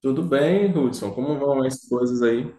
Tudo bem, Hudson? Como vão as coisas aí?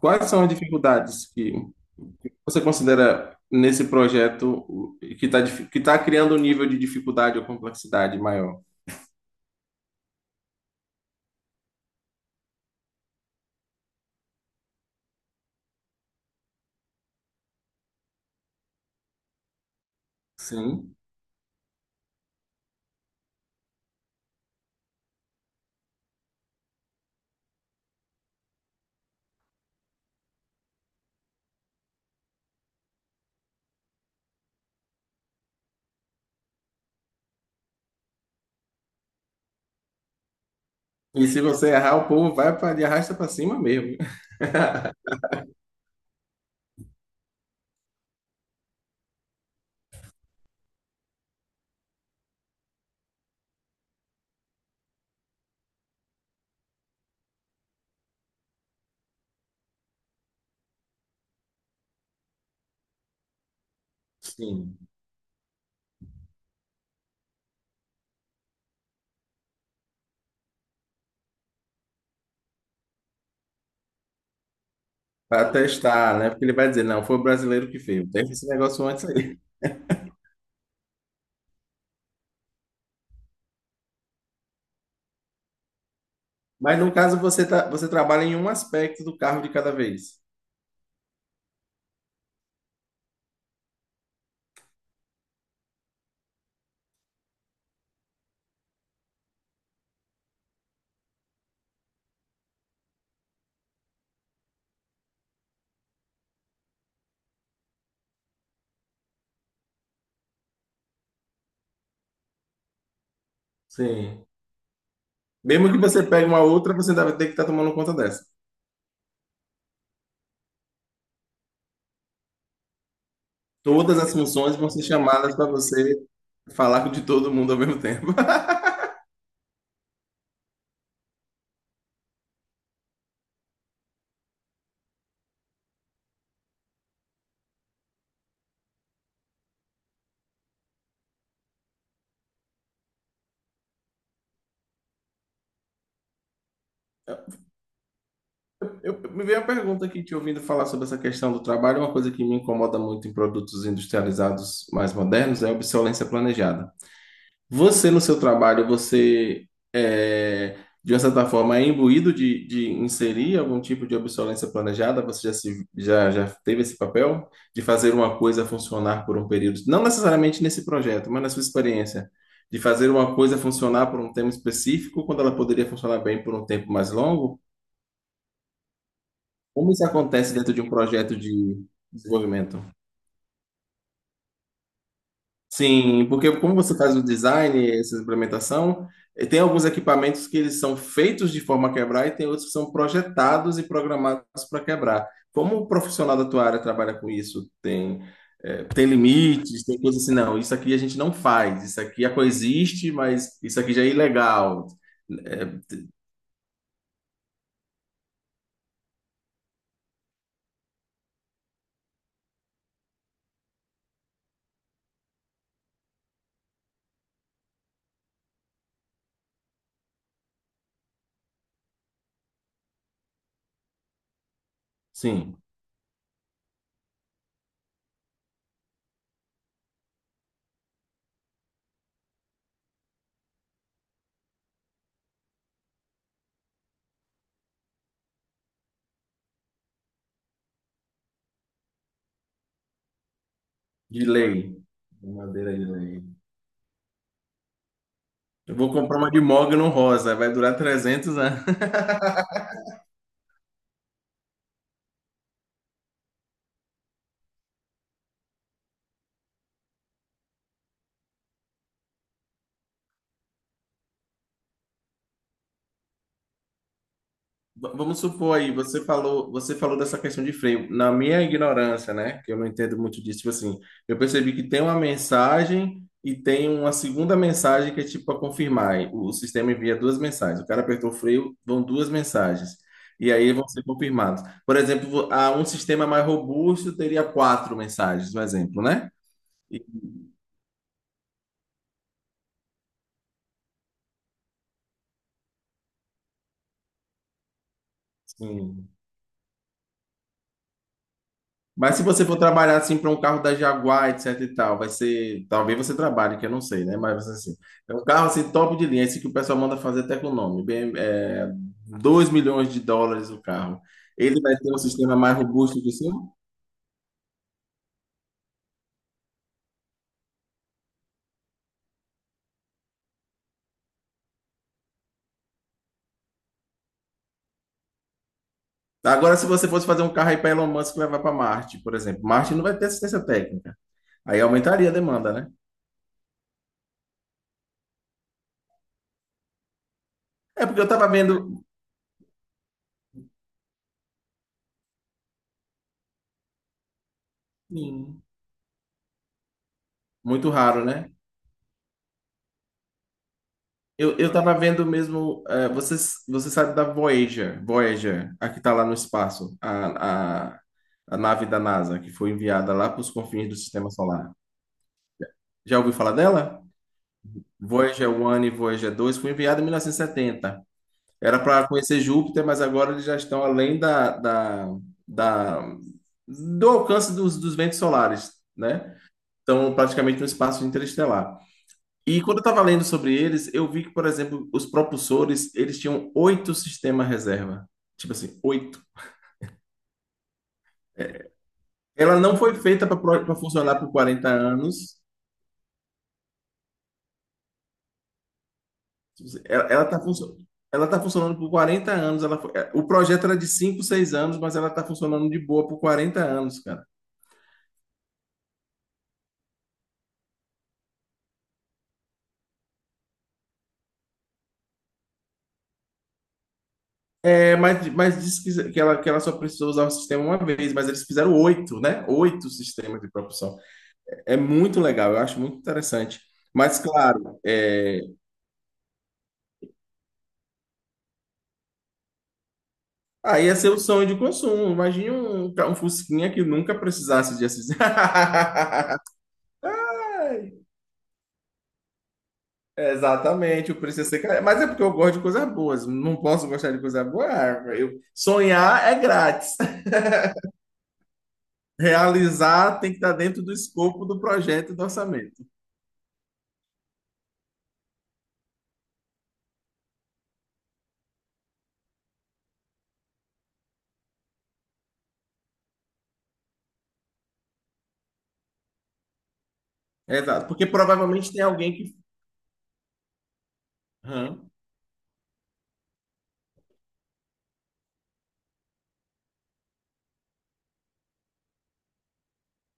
Quais são as dificuldades que você considera nesse projeto que tá criando um nível de dificuldade ou complexidade maior? Sim. E se você errar, o povo vai para de arrasta para cima mesmo. Sim. Para testar, né? Porque ele vai dizer, não, foi o brasileiro que fez. Teve esse negócio antes aí. Mas no caso, você trabalha em um aspecto do carro de cada vez. Sim. Mesmo que você pegue uma outra, você deve ter que estar tomando conta dessa. Todas as funções vão ser chamadas para você falar com de todo mundo ao mesmo tempo. Me veio uma pergunta aqui, te ouvindo falar sobre essa questão do trabalho. Uma coisa que me incomoda muito em produtos industrializados mais modernos é a obsolescência planejada. Você, no seu trabalho, você, é, de uma certa forma, é imbuído de inserir algum tipo de obsolescência planejada? Você já, se, já, já teve esse papel de fazer uma coisa funcionar por um período? Não necessariamente nesse projeto, mas na sua experiência. De fazer uma coisa funcionar por um tempo específico, quando ela poderia funcionar bem por um tempo mais longo? Como isso acontece dentro de um projeto de desenvolvimento? Sim, porque como você faz o design, essa implementação, tem alguns equipamentos que eles são feitos de forma a quebrar e tem outros que são projetados e programados para quebrar. Como o profissional da tua área trabalha com isso? Tem limites, tem coisas assim, não, isso aqui a gente não faz, isso aqui a coexiste, mas isso aqui já é ilegal. É, sim, de lei. Madeira de lei. Eu vou comprar uma de mogno rosa, vai durar 300 anos. Vamos supor aí, você falou dessa questão de freio. Na minha ignorância, né, que eu não entendo muito disso, tipo assim, eu percebi que tem uma mensagem e tem uma segunda mensagem que é tipo para confirmar. E o sistema envia duas mensagens. O cara apertou o freio, vão duas mensagens. E aí vão ser confirmados. Por exemplo, um sistema mais robusto teria quatro mensagens, um exemplo, né? E, sim. Mas se você for trabalhar assim para um carro da Jaguar, etc e tal, vai ser. Talvez você trabalhe, que eu não sei, né? Mas assim, é um carro assim top de linha, esse que o pessoal manda fazer até com o nome. Bem, é 2 milhões de dólares o carro. Ele vai ter um sistema mais robusto que o seu? Agora, se você fosse fazer um carro aí para Elon Musk levar para Marte, por exemplo, Marte não vai ter assistência técnica. Aí aumentaria a demanda, né? É porque eu estava vendo. Sim, muito raro, né? Eu tava vendo mesmo. Você sabe da Voyager, a que tá lá no espaço, a nave da NASA, que foi enviada lá para os confins do Sistema Solar. Já ouviu falar dela? Voyager 1 e Voyager 2 foi enviada em 1970. Era para conhecer Júpiter, mas agora eles já estão além da- do alcance dos ventos solares, né? Estão praticamente no espaço interestelar. E quando eu estava lendo sobre eles, eu vi que, por exemplo, os propulsores, eles tinham oito sistemas reserva. Tipo assim, oito. Ela não foi feita para funcionar por 40 anos. Tipo assim, ela tá funcionando. Ela está funcionando por 40 anos. O projeto era de 5, 6 anos, mas ela está funcionando de boa por 40 anos, cara. É, mas disse que ela só precisou usar o sistema uma vez, mas eles fizeram oito, né? Oito sistemas de propulsão. É muito legal, eu acho muito interessante. Mas, claro. Aí ia ser o sonho de consumo. Imagine um Fusquinha que nunca precisasse de assistir. Exatamente, o preço ia ser caro. Mas é porque eu gosto de coisas boas. Não posso gostar de coisa boa. Sonhar é grátis. Realizar tem que estar dentro do escopo do projeto e do orçamento. É, exato. Porque provavelmente tem alguém que. Hã?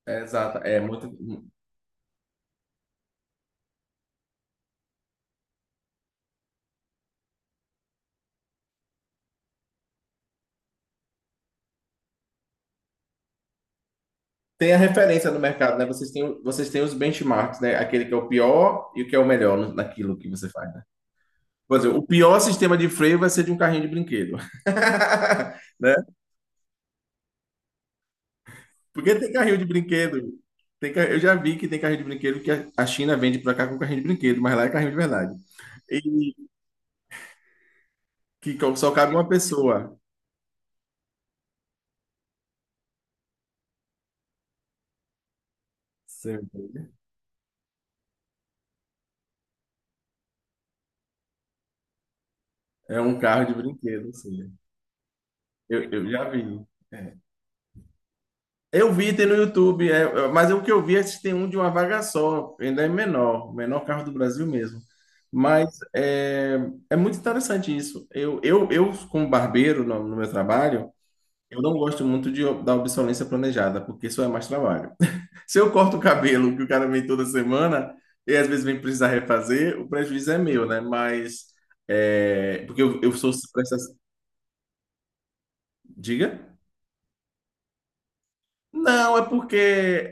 É, exato. É muito. Tem a referência no mercado, né? Vocês têm os benchmarks, né? Aquele que é o pior e o que é o melhor naquilo que você faz, né? Por exemplo, o pior sistema de freio vai ser de um carrinho de brinquedo. Né? Porque tem carrinho de brinquedo. Eu já vi que tem carrinho de brinquedo que a China vende para cá com carrinho de brinquedo, mas lá é carrinho de verdade. E só cabe uma pessoa. Você entende? É um carro de brinquedo, assim. Eu já vi. É. Eu vi, tem no YouTube, mas é o que eu vi é que tem um de uma vaga só, ainda é menor, o menor carro do Brasil mesmo. Mas é muito interessante isso. Eu como barbeiro no meu trabalho, eu não gosto muito da obsolescência planejada, porque isso é mais trabalho. Se eu corto o cabelo, que o cara vem toda semana, e às vezes vem precisar refazer, o prejuízo é meu, né? Mas, porque eu sou... Diga? Não, é porque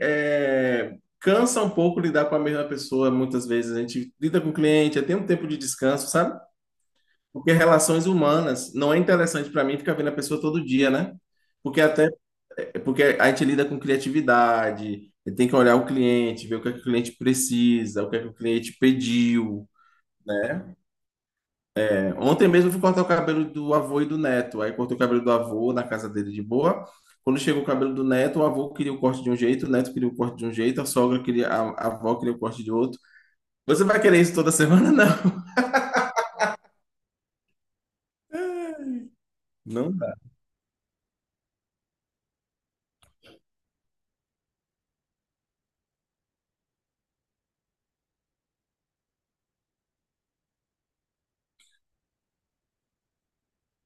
é, cansa um pouco lidar com a mesma pessoa. Muitas vezes a gente lida com o cliente, tem um tempo de descanso, sabe? Porque relações humanas não é interessante para mim ficar vendo a pessoa todo dia, né? Porque até é porque a gente lida com criatividade, tem que olhar o cliente, ver o que é que o cliente precisa, o que é que o cliente pediu, né? Ontem mesmo eu fui cortar o cabelo do avô e do neto. Aí cortei o cabelo do avô na casa dele de boa. Quando chegou o cabelo do neto, o avô queria o corte de um jeito, o neto queria o corte de um jeito, a sogra queria, a avó queria o corte de outro. Você vai querer isso toda semana? Não. Não dá.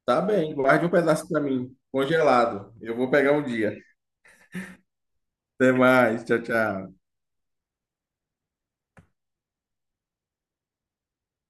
Tá bem, guarde um pedaço pra mim, congelado. Eu vou pegar um dia. Até mais, tchau, tchau.